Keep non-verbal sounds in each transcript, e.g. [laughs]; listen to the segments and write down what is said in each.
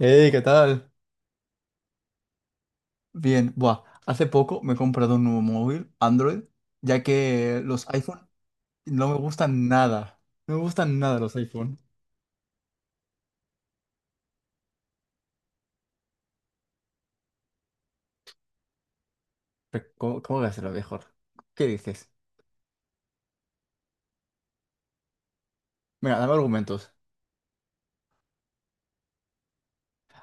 Hey, ¿qué tal? Bien, buah, hace poco me he comprado un nuevo móvil, Android, ya que los iPhone no me gustan nada. No me gustan nada los iPhone. Pero ¿cómo voy a hacerlo mejor? ¿Qué dices? Mira, dame argumentos.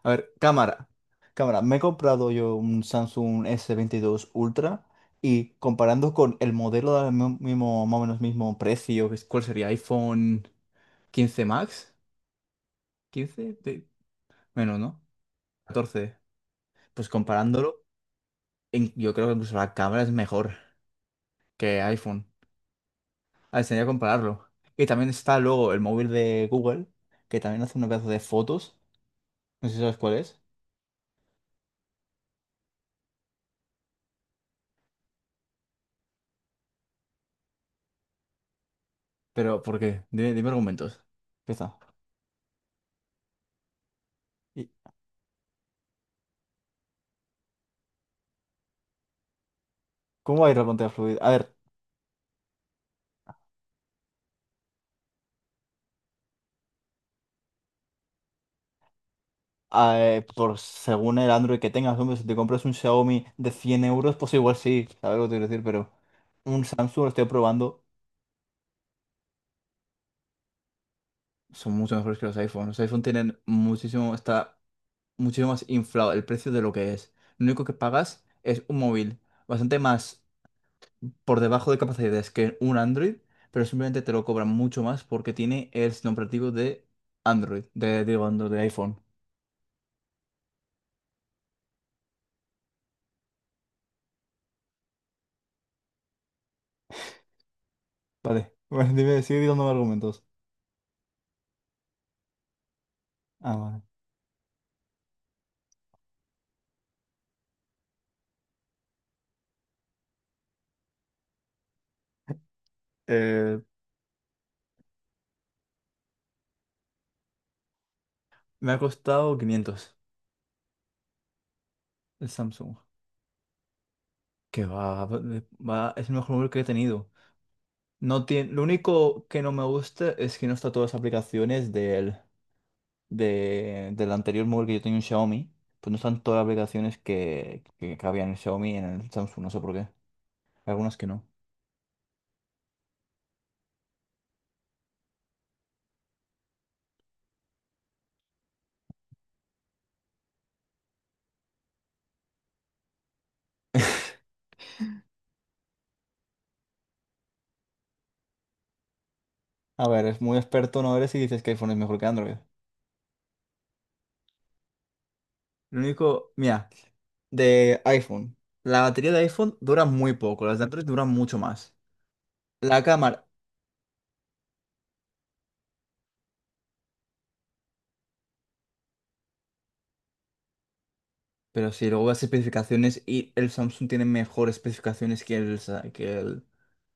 A ver, cámara. Cámara, me he comprado yo un Samsung s veintidós Ultra y comparando con el modelo del mismo, más o menos mismo precio, ¿cuál sería? iPhone 15 Max, 15 de- menos, ¿no? 14. Pues comparándolo. Yo creo que incluso la cámara es mejor que iPhone. Ah, enseñar. A ver, que compararlo. Y también está luego el móvil de Google, que también hace un pedazo de fotos. No sé si sabes cuál es. Pero ¿por qué? Dime argumentos. Empieza. ¿Y cómo va a ir la pantalla fluida? A ver, por según el Android que tengas, hombre, si te compras un Xiaomi de 100 euros, pues igual sí, sabes lo que te quiero decir, pero un Samsung lo estoy probando. Son mucho mejores que los iPhones. Los iPhone tienen muchísimo. Está muchísimo más inflado el precio de lo que es. Lo único que pagas es un móvil bastante más por debajo de capacidades que un Android, pero simplemente te lo cobran mucho más porque tiene el sistema operativo de Android, de, digo, Android, de iPhone. Vale, [laughs] bueno, dime, sigue dando argumentos. Ah, vale. Eh, Me ha costado 500 el Samsung. Que va, es el mejor móvil que he tenido. No tiene, lo único que no me gusta es que no está todas las aplicaciones del anterior móvil que yo tenía un Xiaomi, pues no están todas las aplicaciones que cabían en el Xiaomi y en el Samsung, no sé por qué. Algunas que no. A ver, es muy experto, no eres y dices que iPhone es mejor que Android. Lo único, mira, de iPhone. La batería de iPhone dura muy poco, las de Android duran mucho más. La cámara, pero si luego las especificaciones y el Samsung tiene mejores especificaciones que el, sa-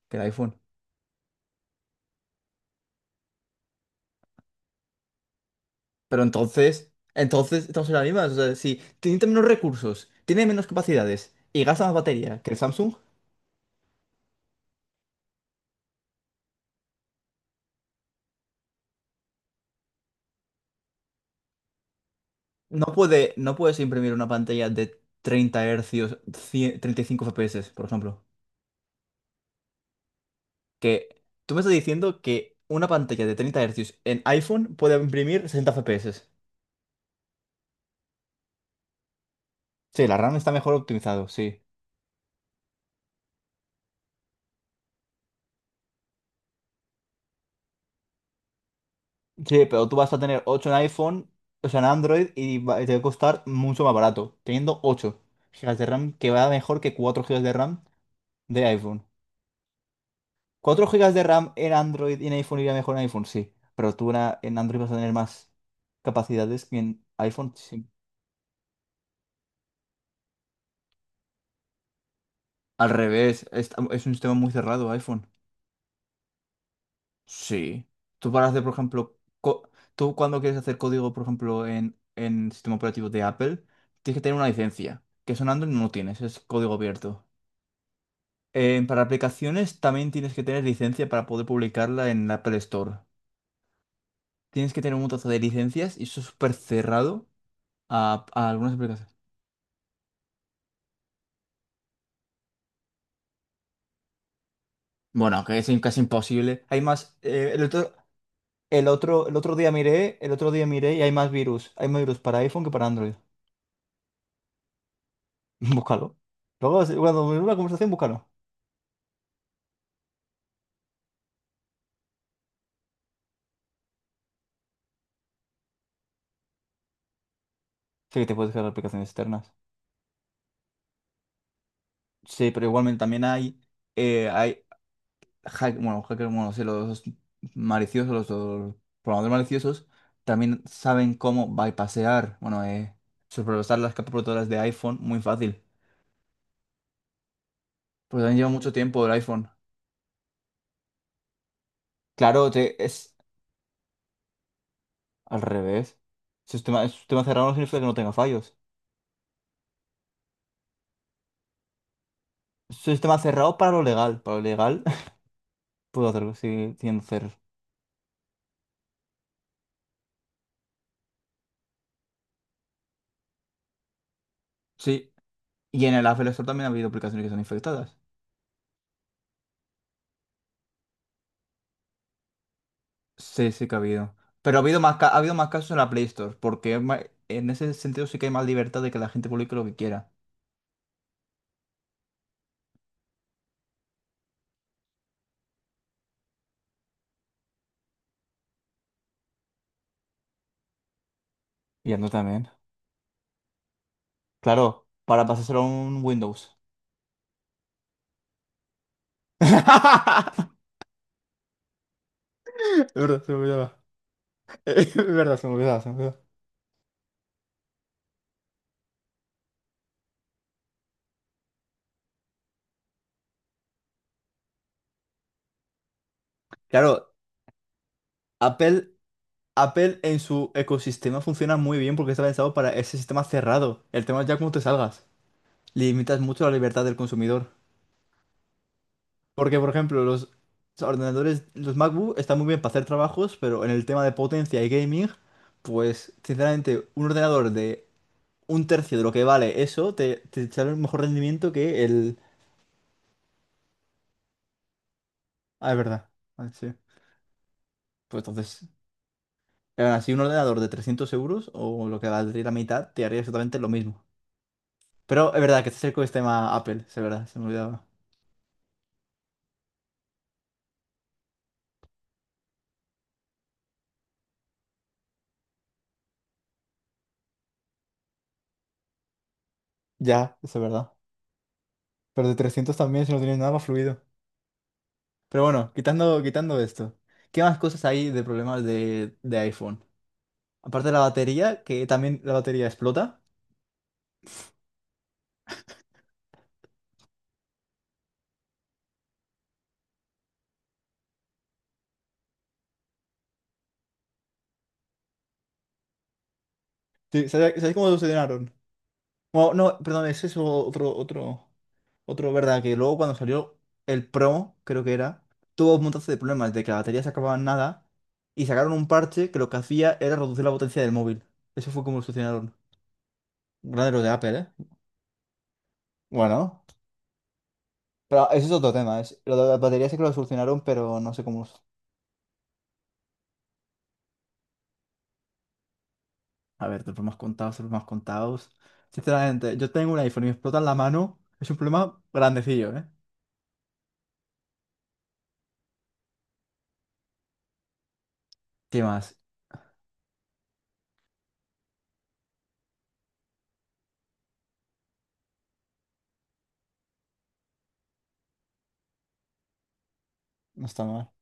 que el iPhone. Pero entonces estamos en las mismas. O sea, si tiene menos recursos, tiene menos capacidades y gasta más batería que el Samsung, no puedes imprimir una pantalla de 30 hercios, 100 35 FPS, por ejemplo. Que tú me estás diciendo que una pantalla de 30 hercios en iPhone puede imprimir 60 FPS. Sí, la RAM está mejor optimizado, sí. Sí, pero tú vas a tener ocho en iPhone, o sea, en Android, te va a costar mucho más barato, teniendo 8 GB de RAM, que va mejor que 4 GB de RAM de iPhone. Cuatro gigas de RAM en Android y en iPhone iría mejor en iPhone, sí. Pero en Android vas a tener más capacidades que en iPhone, sí. Al revés, es un sistema muy cerrado iPhone. Sí. Tú para hacer, por ejemplo, tú cuando quieres hacer código, por ejemplo, en sistema operativo de Apple, tienes que tener una licencia, que eso en Android no lo tienes, es código abierto. Para aplicaciones también tienes que tener licencia para poder publicarla en la Apple Store. Tienes que tener un montazo de licencias y eso es súper cerrado. A algunas aplicaciones. Bueno, que es casi imposible. Hay más. El otro día miré y hay más virus. Hay más virus para iPhone que para Android. [laughs] Búscalo. Luego, cuando en una conversación, búscalo. Sí que te puedes descargar aplicaciones externas. Sí, pero igualmente también hay bueno, hackers, bueno, sí, los maliciosos, los programadores maliciosos, también saben cómo bypassear, bueno, sobrepasar las capas protectoras de iPhone muy fácil. Pues también lleva mucho tiempo el iPhone. Claro, te, es, al revés. Sistema cerrado no significa que no tenga fallos. Sistema cerrado para lo legal. Para lo legal [laughs] puedo hacerlo sigue siendo cerrado. Sí. Y en el Apple Store también ha habido aplicaciones que están infectadas. Sí, sí que ha habido. Pero ha habido más casos en la Play Store, porque en ese sentido sí que hay más libertad de que la gente publique lo que quiera. Y ando también. Claro, para pasárselo a un Windows. [laughs] Es verdad, se me olvidaba. [laughs] Es verdad, se me olvidaba. Claro, Apple. Apple en su ecosistema funciona muy bien porque está pensado para ese sistema cerrado. El tema es ya cómo te salgas. Limitas mucho la libertad del consumidor. Porque, por ejemplo, los ordenadores, los MacBook están muy bien para hacer trabajos, pero en el tema de potencia y gaming, pues sinceramente, un ordenador de un tercio de lo que vale eso te sale un mejor rendimiento que el. Ah, es verdad. Ah, sí. Pues entonces, aún así, un ordenador de 300 euros o lo que valdría la mitad te haría exactamente lo mismo. Pero es verdad que este es el ecosistema Apple, es verdad, se me olvidaba. Ya, eso es verdad. Pero de 300 también, si no tienes nada más fluido. Pero bueno, quitando esto, ¿qué más cosas hay de problemas de iPhone? Aparte de la batería, que también la batería explota. Sí, ¿sabes cómo lo solucionaron? Bueno, no, perdón, ese es otro, ¿verdad? Que luego cuando salió el Pro, creo que era, tuvo un montón de problemas de que la batería se acababa en nada y sacaron un parche que lo que hacía era reducir la potencia del móvil. Eso fue como lo solucionaron. Grande los de Apple, ¿eh? Bueno, pero ese es otro tema. Es, lo de las baterías sí que lo solucionaron, pero no sé cómo. A ver, de problemas contados, de problemas contados. Sinceramente, yo tengo un iPhone y me explota en la mano. Es un problema grandecillo, ¿eh? ¿Qué más? No está mal.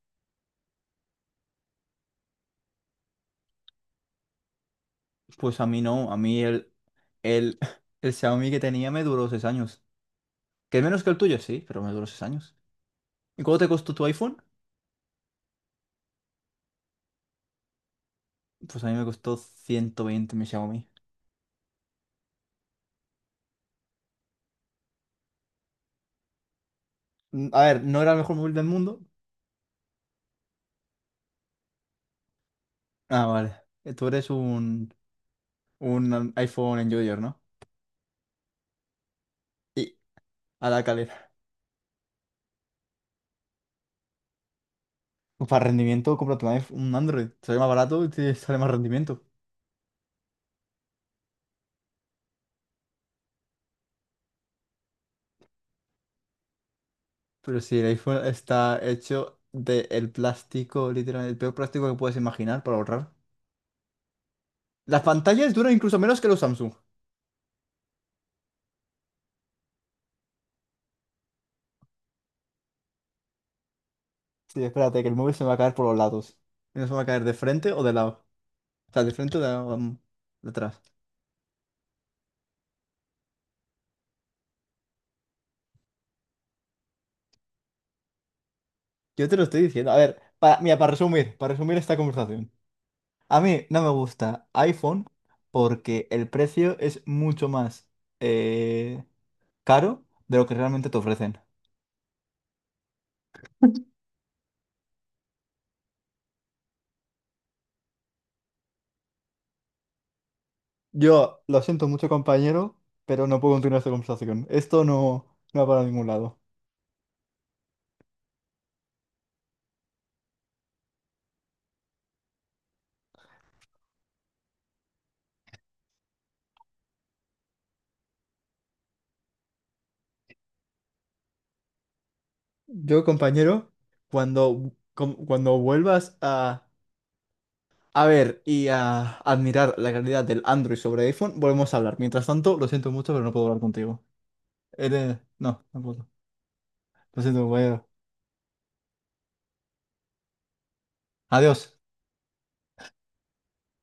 Pues a mí no, a mí el, [laughs] el Xiaomi que tenía me duró 6 años. Que es menos que el tuyo, sí, pero me duró 6 años. ¿Y cuánto te costó tu iPhone? Pues a mí me costó 120 mi Xiaomi. A ver, no era el mejor móvil del mundo. Ah, vale. Tú eres un iPhone enjoyer, ¿no? Y a la calidad. Para rendimiento, cómprate un Android. Sale más barato y te sale más rendimiento. Pero si el iPhone está hecho de el plástico, literalmente, el peor plástico que puedes imaginar para ahorrar. Las pantallas duran incluso menos que los Samsung. Sí, espérate, que el móvil se me va a caer por los lados. Y no se me va a caer de frente o de lado. O sea, de frente o de, lado, de atrás. Yo te lo estoy diciendo. A ver, mira, para resumir esta conversación. A mí no me gusta iPhone porque el precio es mucho más. eh, caro de lo que realmente te ofrecen. Yo lo siento mucho, compañero, pero no puedo continuar esta conversación. Esto no va para ningún lado. Yo, compañero, cuando vuelvas a, ver y a admirar la calidad del Android sobre iPhone, volvemos a hablar. Mientras tanto, lo siento mucho, pero no puedo hablar contigo. Eres. No, no puedo. Lo siento, compañero. Adiós.